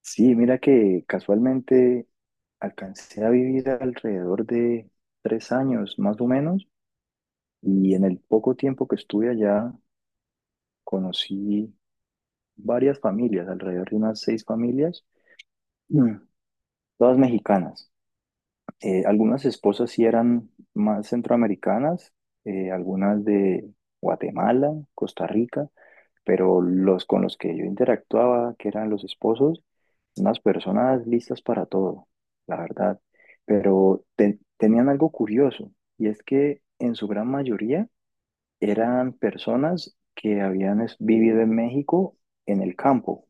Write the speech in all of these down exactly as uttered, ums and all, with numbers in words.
Sí, mira que casualmente alcancé a vivir alrededor de tres años más o menos, y en el poco tiempo que estuve allá conocí varias familias, alrededor de unas seis familias, Mm. todas mexicanas. Eh, algunas esposas sí eran más centroamericanas, eh, algunas de Guatemala, Costa Rica, pero los con los que yo interactuaba, que eran los esposos, unas personas listas para todo, la verdad. Pero te- tenían algo curioso, y es que en su gran mayoría eran personas que habían es- vivido en México en el campo.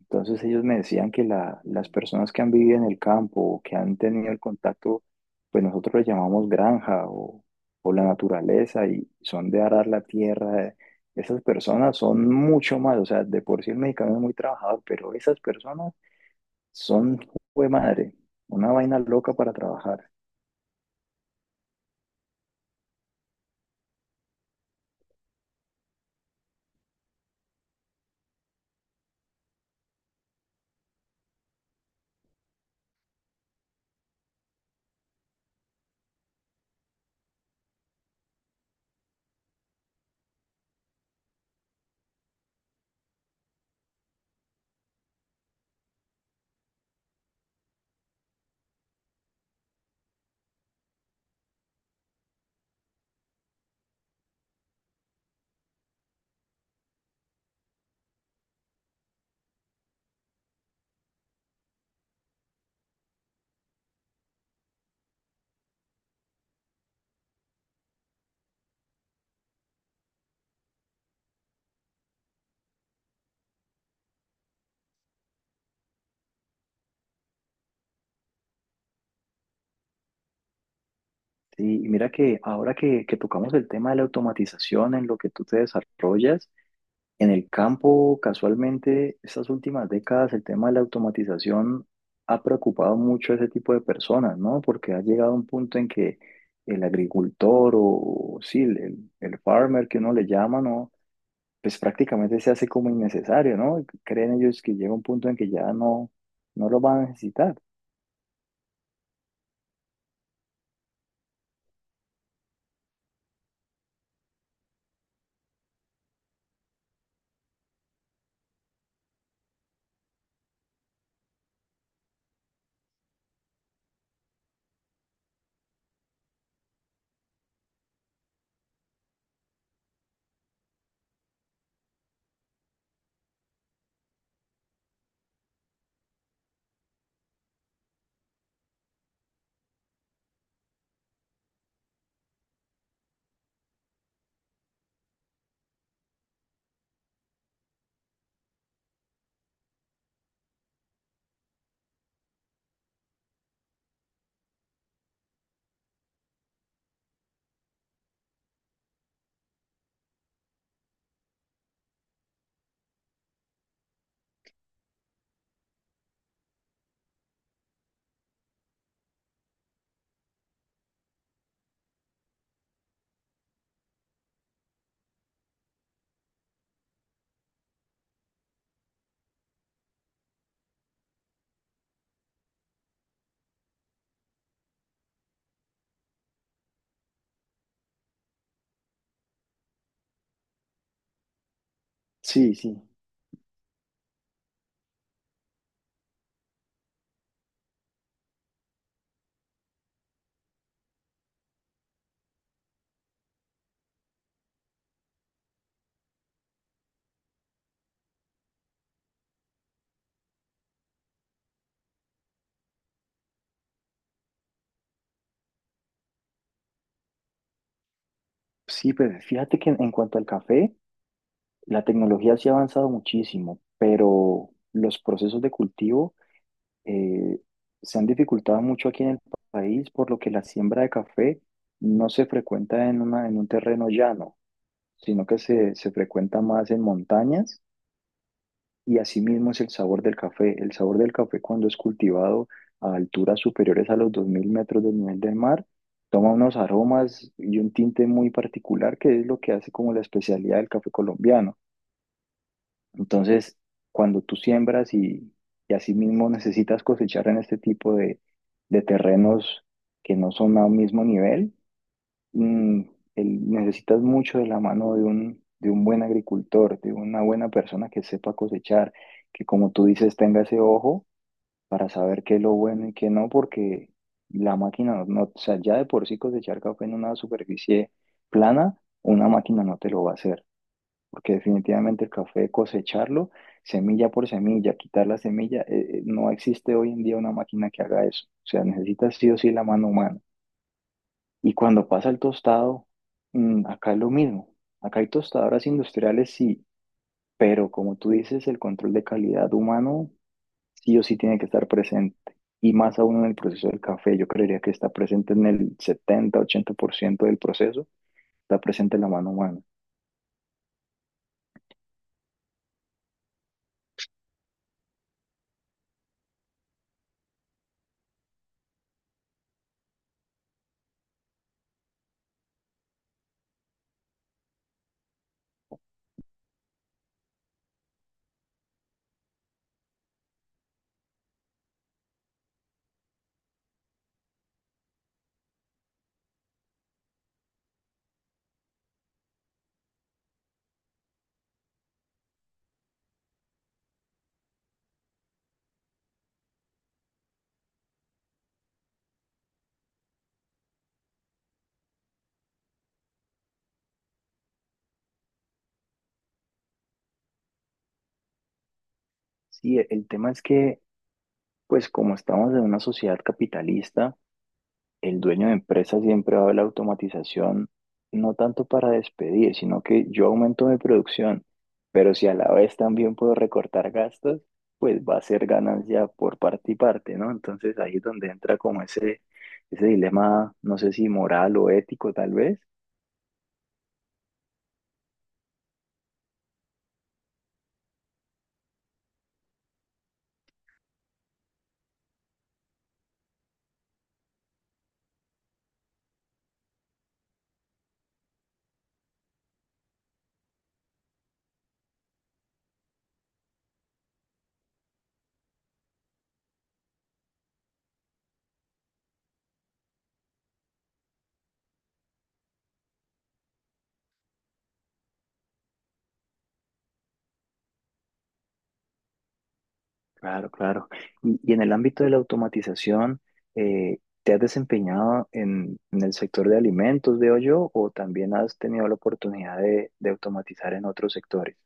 Entonces ellos me decían que la- las personas que han vivido en el campo o que han tenido el contacto, pues nosotros le llamamos granja o, o la naturaleza, y son de arar la tierra. Esas personas son mucho más, o sea, de por sí el mexicano es muy trabajador, pero esas personas son, jue madre, una vaina loca para trabajar. Sí, y mira que ahora que, que tocamos el tema de la automatización en lo que tú te desarrollas, en el campo, casualmente, estas últimas décadas, el tema de la automatización ha preocupado mucho a ese tipo de personas, ¿no? Porque ha llegado a un punto en que el agricultor o, sí, el, el- el farmer que uno le llama, ¿no? Pues prácticamente se hace como innecesario, ¿no? Creen ellos que llega un punto en que ya no, no lo van a necesitar. Sí, sí. Sí, pues fíjate que en en cuanto al café, la tecnología sí ha avanzado muchísimo, pero los procesos de cultivo eh, se han dificultado mucho aquí en el pa- país, por lo que la siembra de café no se frecuenta en una, en un terreno llano, sino que se, se frecuenta más en montañas, y asimismo es el sabor del café. El sabor del café cuando es cultivado a alturas superiores a los dos mil metros del nivel del mar, toma unos aromas y un tinte muy particular que es lo que hace como la especialidad del café colombiano. Entonces, cuando tú siembras y, y asimismo necesitas cosechar en este tipo de, de terrenos que no son a un mismo nivel, mm, el- necesitas mucho de la mano de un, de un buen agricultor, de una buena persona que sepa cosechar, que como tú dices tenga ese ojo para saber qué es lo bueno y qué no, porque la máquina no, no- o sea, ya de por sí cosechar café en una superficie plana, una máquina no te lo va a hacer, porque definitivamente el café cosecharlo, semilla por semilla, quitar la semilla, eh, eh, no existe hoy en día una máquina que haga eso, o sea, necesitas sí o sí la mano humana. Y cuando pasa el tostado, mm, acá es lo mismo. Acá hay tostadoras industriales, sí, pero como tú dices, el control de calidad humano sí o sí tiene que estar presente. Y más aún en el proceso del café, yo creería que está presente en el setenta ochenta por ciento del proceso, está presente la mano humana. Sí, e- el tema es que, pues como estamos en una sociedad capitalista, el dueño de empresa siempre va a ver la automatización, no tanto para despedir, sino que yo aumento mi producción, pero si a la vez también puedo recortar gastos, pues va a ser ganancia por parte y parte, ¿no? Entonces ahí es donde entra como ese, ese dilema, no sé si moral o ético tal vez. Claro, claro. Y, y en el ámbito de la automatización, eh, ¿te has desempeñado en, en el sector de alimentos, veo yo, o también has tenido la oportunidad de de automatizar en otros sectores?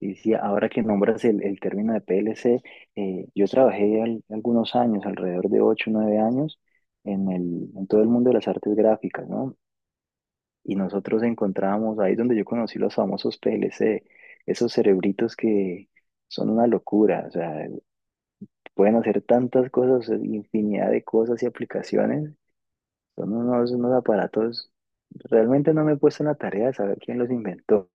Y sí, ahora que nombras el, el término de P L C, eh, yo trabajé al- algunos años, alrededor de ocho o nueve años, en el, en todo el mundo de las artes gráficas, ¿no? Y nosotros encontrábamos, ahí es donde yo conocí los famosos P L C, esos cerebritos que son una locura, o sea, pueden hacer tantas cosas, infinidad de cosas y aplicaciones, son unos, unos aparatos, realmente no me he puesto en la tarea de saber quién los inventó.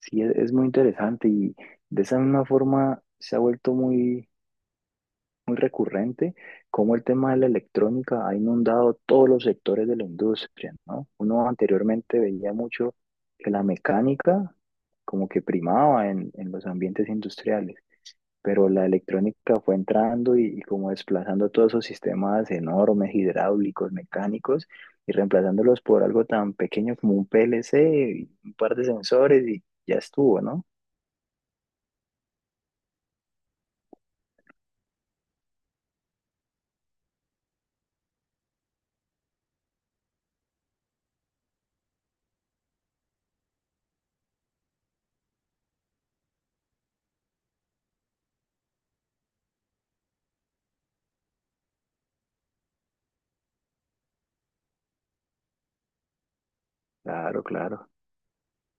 Sí, es, es muy interesante, y de esa misma forma se ha vuelto muy, muy recurrente cómo el tema de la electrónica ha inundado todos los sectores de la industria, ¿no? Uno anteriormente veía mucho que la mecánica como que primaba en, en los ambientes industriales, pero la electrónica fue entrando y, y como desplazando todos esos sistemas enormes, hidráulicos, mecánicos, y reemplazándolos por algo tan pequeño como un P L C, y un par de sensores y ya estuvo, ¿no? Claro, claro.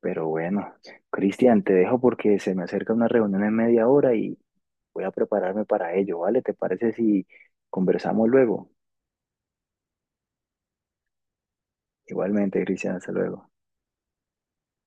Pero bueno, Cristian, te dejo porque se me acerca una reunión en media hora y voy a prepararme para ello, ¿vale? ¿Te parece si conversamos luego? Igualmente, Cristian, hasta luego.